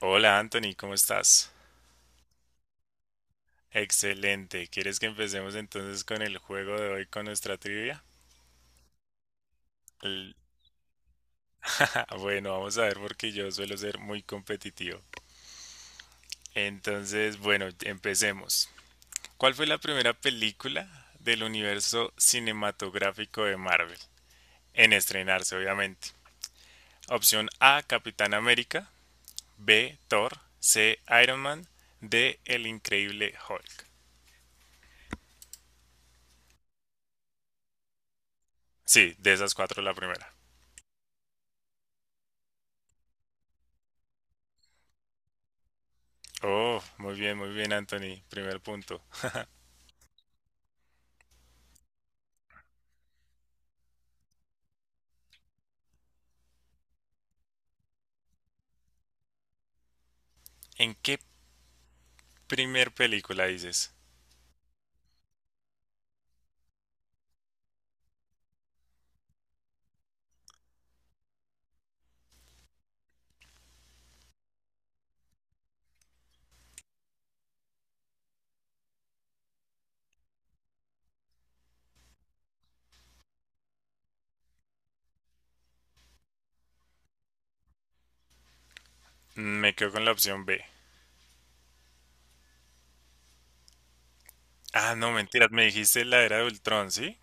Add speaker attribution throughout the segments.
Speaker 1: Hola Anthony, ¿cómo estás? Excelente. ¿Quieres que empecemos entonces con el juego de hoy con nuestra trivia? L- Bueno, vamos a ver porque yo suelo ser muy competitivo. Entonces, bueno, empecemos. ¿Cuál fue la primera película del universo cinematográfico de Marvel? En estrenarse, obviamente. Opción A, Capitán América. B, Thor. C, Iron Man. D, El Increíble Hulk. Sí, de esas cuatro la primera. Oh, muy bien, Anthony. Primer punto. ¿En qué primer película dices? Me quedo con la opción B. Ah, no, mentiras, me dijiste la era de Ultron, ¿sí?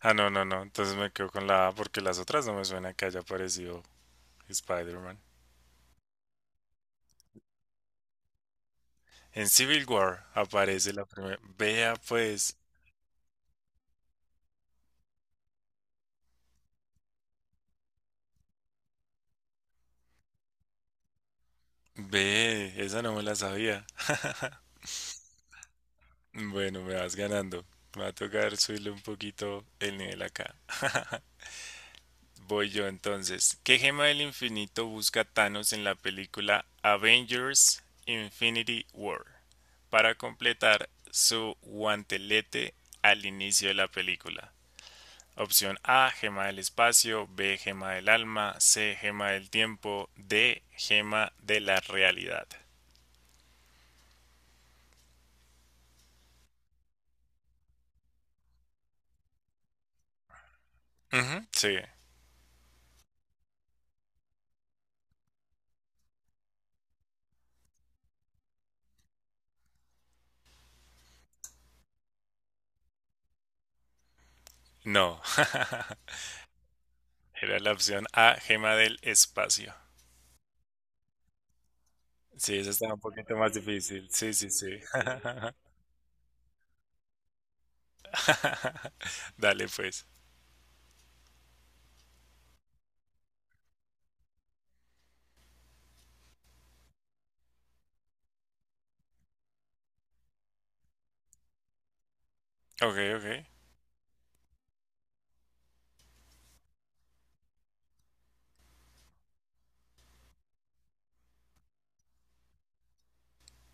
Speaker 1: Ah, no, no, no. Entonces me quedo con la A porque las otras no me suena que haya aparecido Spider-Man. En Civil War aparece la primera. Vea, pues. Ve, esa no me la sabía. Bueno, me vas ganando. Me va a tocar subirle un poquito el nivel acá. Voy yo entonces. ¿Qué gema del infinito busca Thanos en la película Avengers Infinity War para completar su guantelete al inicio de la película? Opción A, gema del espacio, B, gema del alma, C, gema del tiempo, D, gema de la realidad. Ujú, sí, no. Era la opción A, gema del espacio. Sí, esa estaba un poquito más difícil. Sí, sí, sí. Dale pues. Ok, ok.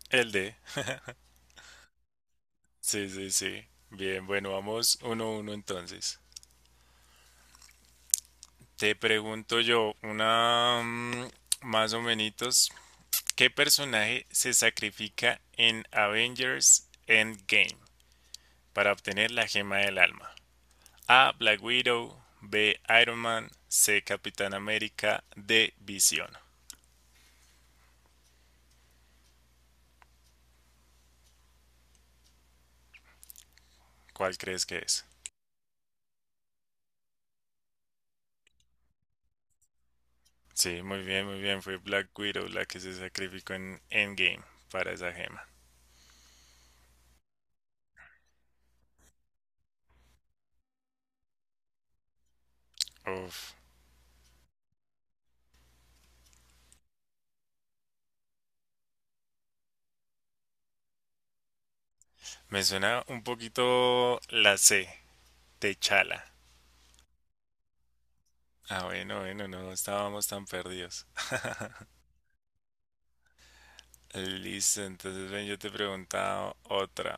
Speaker 1: El D. Sí, sí, sí. Bien, bueno, vamos uno a uno entonces. Te pregunto yo, una, más o menos, ¿qué personaje se sacrifica en Avengers Endgame para obtener la gema del alma? A. Black Widow, B. Iron Man, C. Capitán América, D. Visión. ¿Cuál crees que es? Sí, muy bien, muy bien. Fue Black Widow la que se sacrificó en Endgame para esa gema. Uf. Me suena un poquito la C, Techala. Ah, bueno, bueno, no estábamos tan perdidos. Listo, entonces ven, yo te preguntaba otra.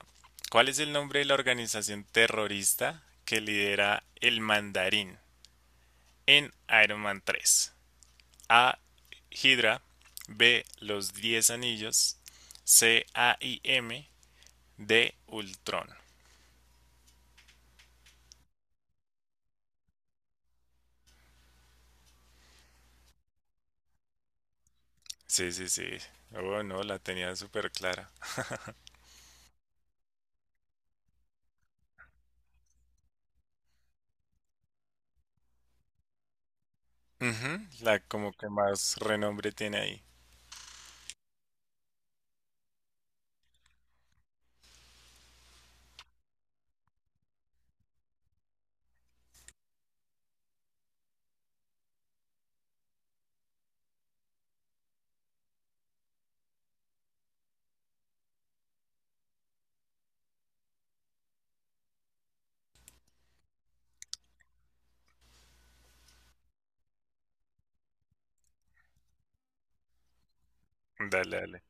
Speaker 1: ¿Cuál es el nombre de la organización terrorista que lidera el mandarín en Iron Man 3? A. Hydra. B. Los Diez Anillos. C. AIM. De Ultron. Sí, sí, sí. Oh, no, la tenía súper clara. Ujú, la como que más renombre tiene ahí. Dale, dale.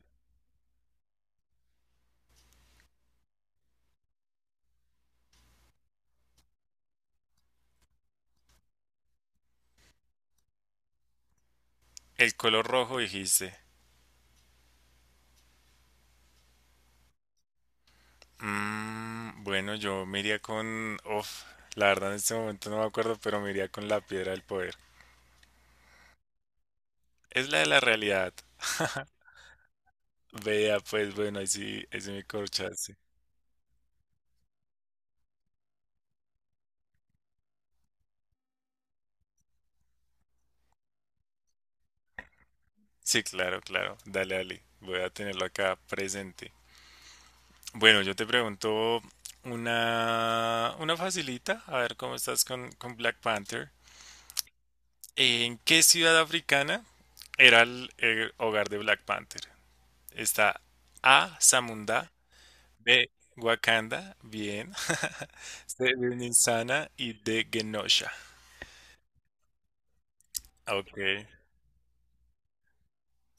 Speaker 1: El color rojo dijiste. Bueno, yo me iría con... Uf, la verdad en este momento no me acuerdo, pero me iría con la piedra del poder. Es la de la realidad. Vea, pues bueno, ahí sí me corchaste. Sí, claro, claro. Dale, dale. Voy a tenerlo acá presente. Bueno, yo te pregunto una facilita, a ver cómo estás con Black Panther. ¿En qué ciudad africana era el hogar de Black Panther? Está A. Zamunda, B. Wakanda, bien, C. Ninsana y D. Genosha. Ok,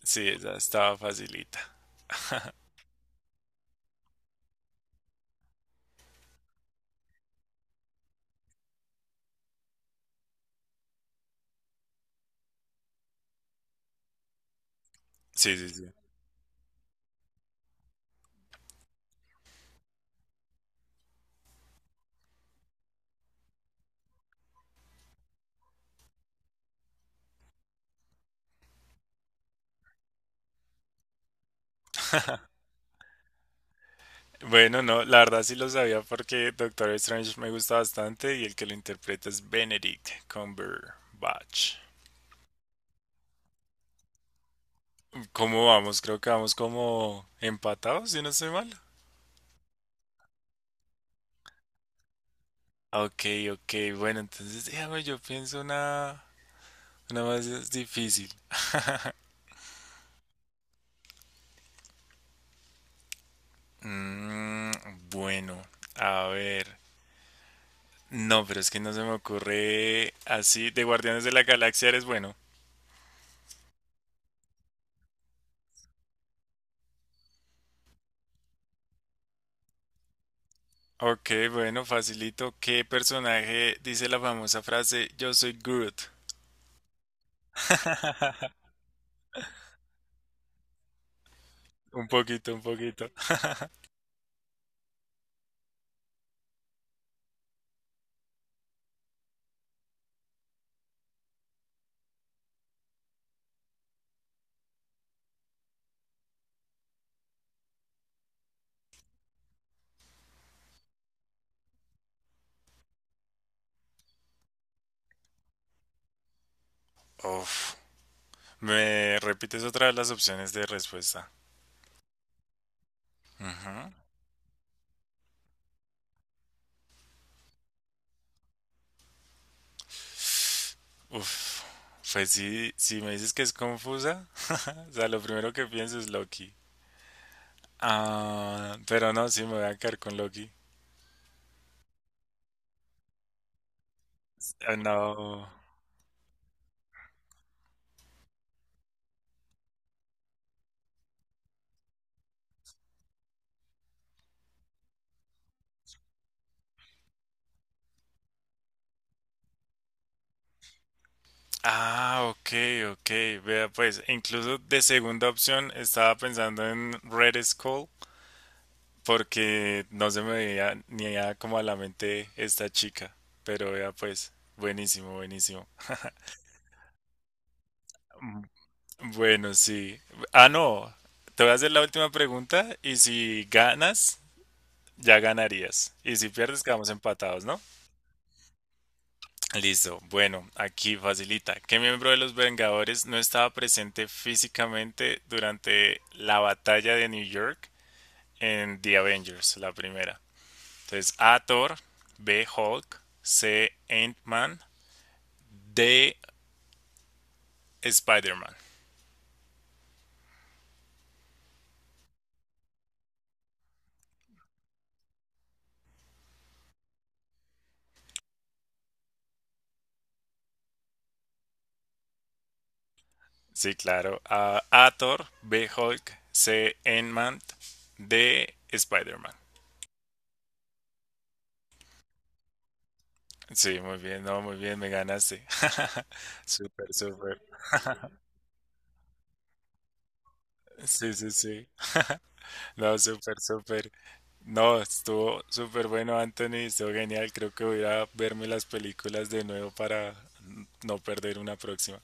Speaker 1: sí, esa estaba facilita. Sí, sí, sí. Bueno, no, la verdad sí lo sabía porque Doctor Strange me gusta bastante y el que lo interpreta es Benedict Cumberbatch. ¿Cómo vamos? Creo que vamos como empatados, si no estoy mal. Ah, ok, ok, bueno, entonces déjame, yo pienso una más difícil. Mm, bueno, a ver. No, pero es que no se me ocurre así. De Guardianes de la Galaxia eres bueno. Ok, bueno, facilito. ¿Qué personaje dice la famosa frase Yo soy Groot? Un poquito, un poquito. Uf. ¿Me repites otra vez las opciones de respuesta? Ujú. Uf. Pues sí, si me dices que es confusa, o sea, lo primero que pienso es Loki. Ah, pero no, sí me voy a quedar con Loki. Ah, no. Ah, ok, ok. Vea, pues incluso de segunda opción estaba pensando en Red Skull porque no se me veía ni a como a la mente esta chica. Pero vea, pues, buenísimo, buenísimo. Mm, Bueno, sí. Ah, no. Te voy a hacer la última pregunta y si ganas, ya ganarías. Y si pierdes, quedamos empatados, ¿no? Listo. Bueno, aquí facilita. ¿Qué miembro de los Vengadores no estaba presente físicamente durante la batalla de New York en The Avengers, la primera? Entonces, A. Thor, B. Hulk, C. Ant-Man, D. Spider-Man. Sí, claro. A. Thor, B. Hulk, C. Ant-Man, D. Spider-Man. Sí, muy bien, no, muy bien, me ganaste. Súper, súper. Sí, sí, sí. No, súper, súper. No, estuvo súper bueno, Anthony, estuvo genial. Creo que voy a ir a verme las películas de nuevo para no perder una próxima.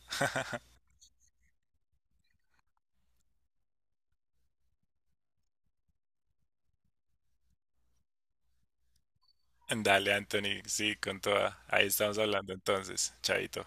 Speaker 1: Dale, Anthony, sí, con toda. Ahí estamos hablando entonces. Chaito.